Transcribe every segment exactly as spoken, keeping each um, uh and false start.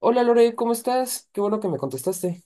Hola Lore, ¿cómo estás? Qué bueno que me contestaste.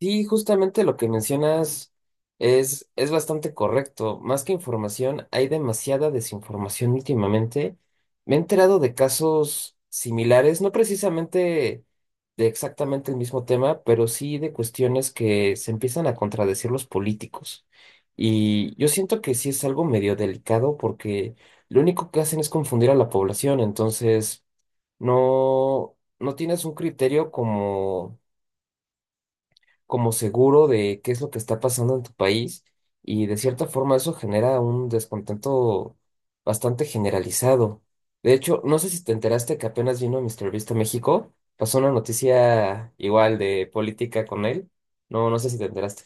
Sí, justamente lo que mencionas es, es bastante correcto. Más que información, hay demasiada desinformación últimamente. Me he enterado de casos similares, no precisamente de exactamente el mismo tema, pero sí de cuestiones que se empiezan a contradecir los políticos. Y yo siento que sí es algo medio delicado porque lo único que hacen es confundir a la población, entonces no, no tienes un criterio como como seguro de qué es lo que está pasando en tu país y de cierta forma eso genera un descontento bastante generalizado. De hecho, no sé si te enteraste que apenas vino MrBeast a México, pasó una noticia igual de política con él. No, no sé si te enteraste.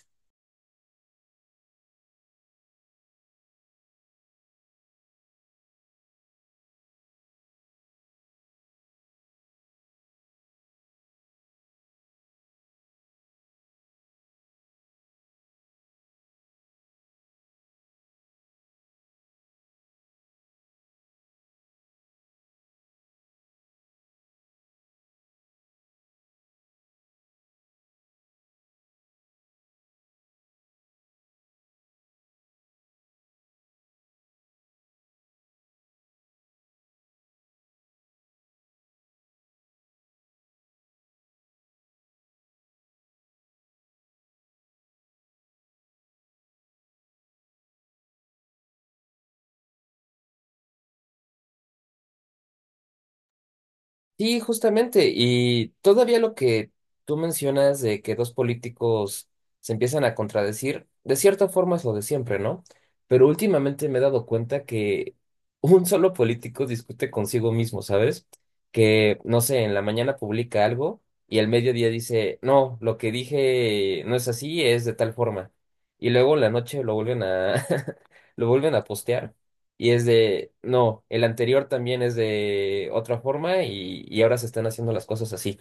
Sí, justamente. Y todavía lo que tú mencionas de que dos políticos se empiezan a contradecir, de cierta forma es lo de siempre, ¿no? Pero últimamente me he dado cuenta que un solo político discute consigo mismo, ¿sabes? Que, no sé, en la mañana publica algo y al mediodía dice, no, lo que dije no es así, es de tal forma. Y luego en la noche lo vuelven a, lo vuelven a postear. Y es de, no, el anterior también es de otra forma y, y ahora se están haciendo las cosas así.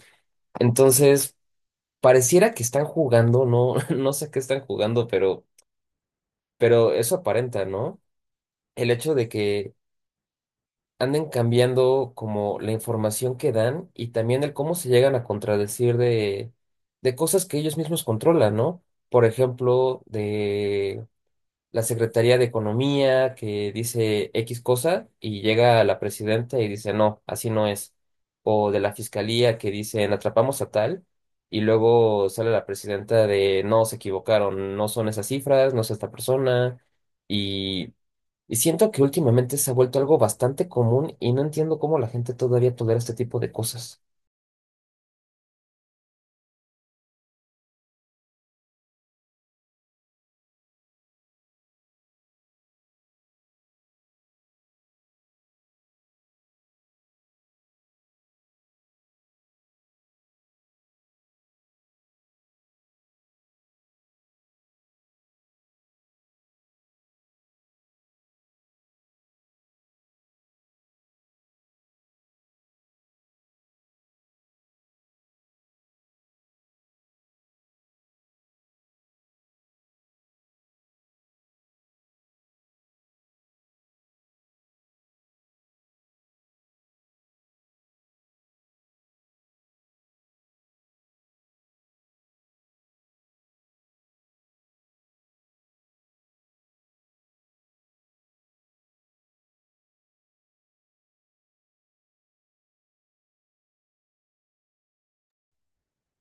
Entonces, pareciera que están jugando, no, no sé qué están jugando, pero, pero eso aparenta, ¿no? El hecho de que anden cambiando como la información que dan y también el cómo se llegan a contradecir de, de cosas que ellos mismos controlan, ¿no? Por ejemplo, de la Secretaría de Economía que dice X cosa y llega la presidenta y dice no, así no es. O de la fiscalía que dicen atrapamos a tal y luego sale la presidenta de no, se equivocaron, no son esas cifras, no es esta persona. Y, y siento que últimamente se ha vuelto algo bastante común y no entiendo cómo la gente todavía tolera este tipo de cosas.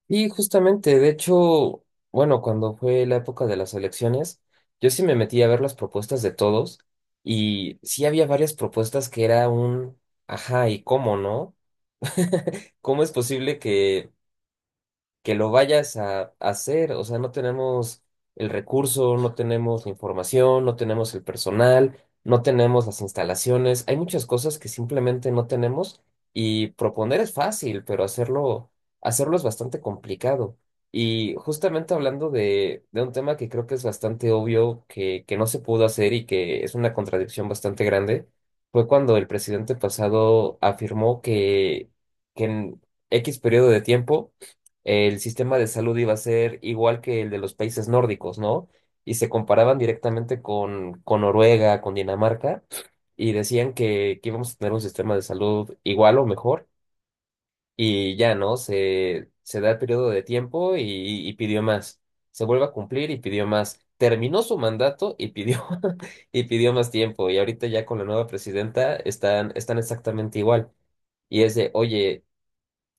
Y justamente, de hecho, bueno, cuando fue la época de las elecciones, yo sí me metí a ver las propuestas de todos y sí había varias propuestas que era un, ajá, ¿y cómo no? ¿Cómo es posible que que lo vayas a, a hacer? O sea, no tenemos el recurso, no tenemos la información, no tenemos el personal, no tenemos las instalaciones. Hay muchas cosas que simplemente no tenemos y proponer es fácil, pero hacerlo, hacerlo es bastante complicado. Y justamente hablando de, de un tema que creo que es bastante obvio que, que no se pudo hacer y que es una contradicción bastante grande, fue cuando el presidente pasado afirmó que, que en X periodo de tiempo el sistema de salud iba a ser igual que el de los países nórdicos, ¿no? Y se comparaban directamente con, con Noruega, con Dinamarca, y decían que, que íbamos a tener un sistema de salud igual o mejor, y ya, ¿no? Se, se da el periodo de tiempo y, y pidió más. Se vuelve a cumplir y pidió más. Terminó su mandato y pidió, y pidió más tiempo. Y ahorita ya con la nueva presidenta están, están exactamente igual. Y es de, oye,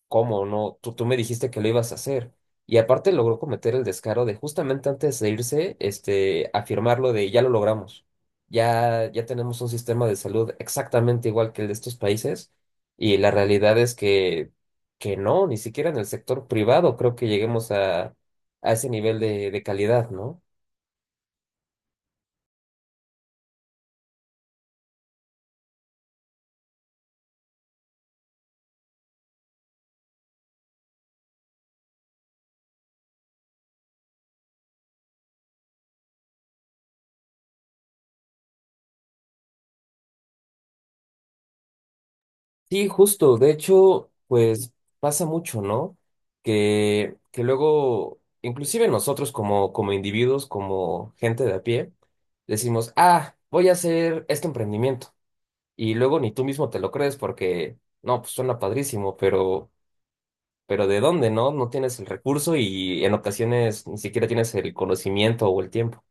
¿cómo no? Tú, tú me dijiste que lo ibas a hacer. Y aparte logró cometer el descaro de justamente antes de irse, este, afirmarlo de ya lo logramos. Ya, ya tenemos un sistema de salud exactamente igual que el de estos países. Y la realidad es que, que no, ni siquiera en el sector privado creo que lleguemos a, a ese nivel de, de calidad, ¿no? Sí, justo. De hecho, pues pasa mucho, ¿no? Que, que luego, inclusive nosotros como, como individuos, como gente de a pie, decimos, ah, voy a hacer este emprendimiento. Y luego ni tú mismo te lo crees porque, no, pues suena padrísimo, pero, pero ¿de dónde, no? No tienes el recurso y en ocasiones ni siquiera tienes el conocimiento o el tiempo.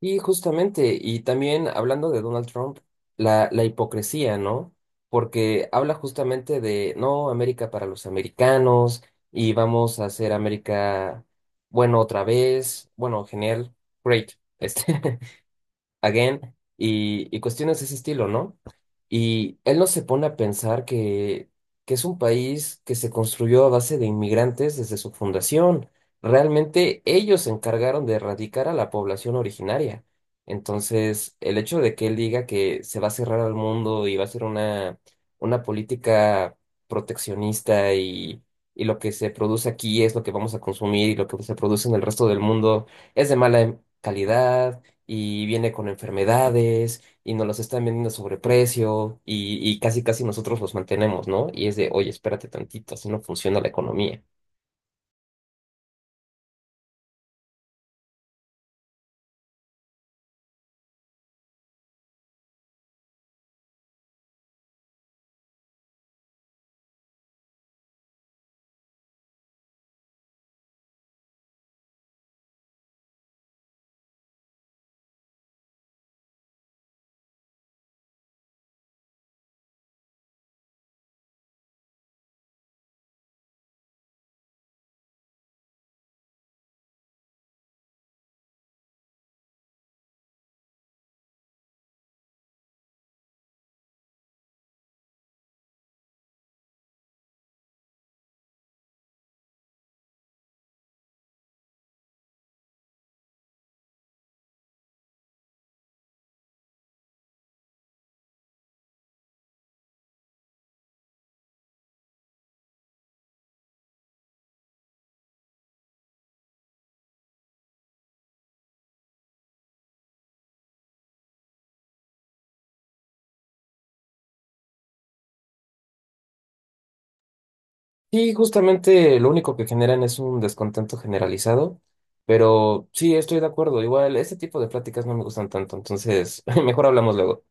Y justamente, y también hablando de Donald Trump, la, la hipocresía, ¿no? Porque habla justamente de, no, América para los americanos y vamos a hacer América bueno otra vez, bueno, genial, great, este, again, y, y cuestiones de ese estilo, ¿no? Y él no se pone a pensar que, que es un país que se construyó a base de inmigrantes desde su fundación. Realmente ellos se encargaron de erradicar a la población originaria. Entonces, el hecho de que él diga que se va a cerrar al mundo y va a ser una, una política proteccionista y, y lo que se produce aquí es lo que vamos a consumir y lo que se produce en el resto del mundo es de mala calidad y viene con enfermedades y nos los están vendiendo a sobreprecio y, y casi casi nosotros los mantenemos, ¿no? Y es de, oye, espérate tantito, así no funciona la economía. Y justamente lo único que generan es un descontento generalizado, pero sí, estoy de acuerdo, igual este tipo de pláticas no me gustan tanto, entonces mejor hablamos luego.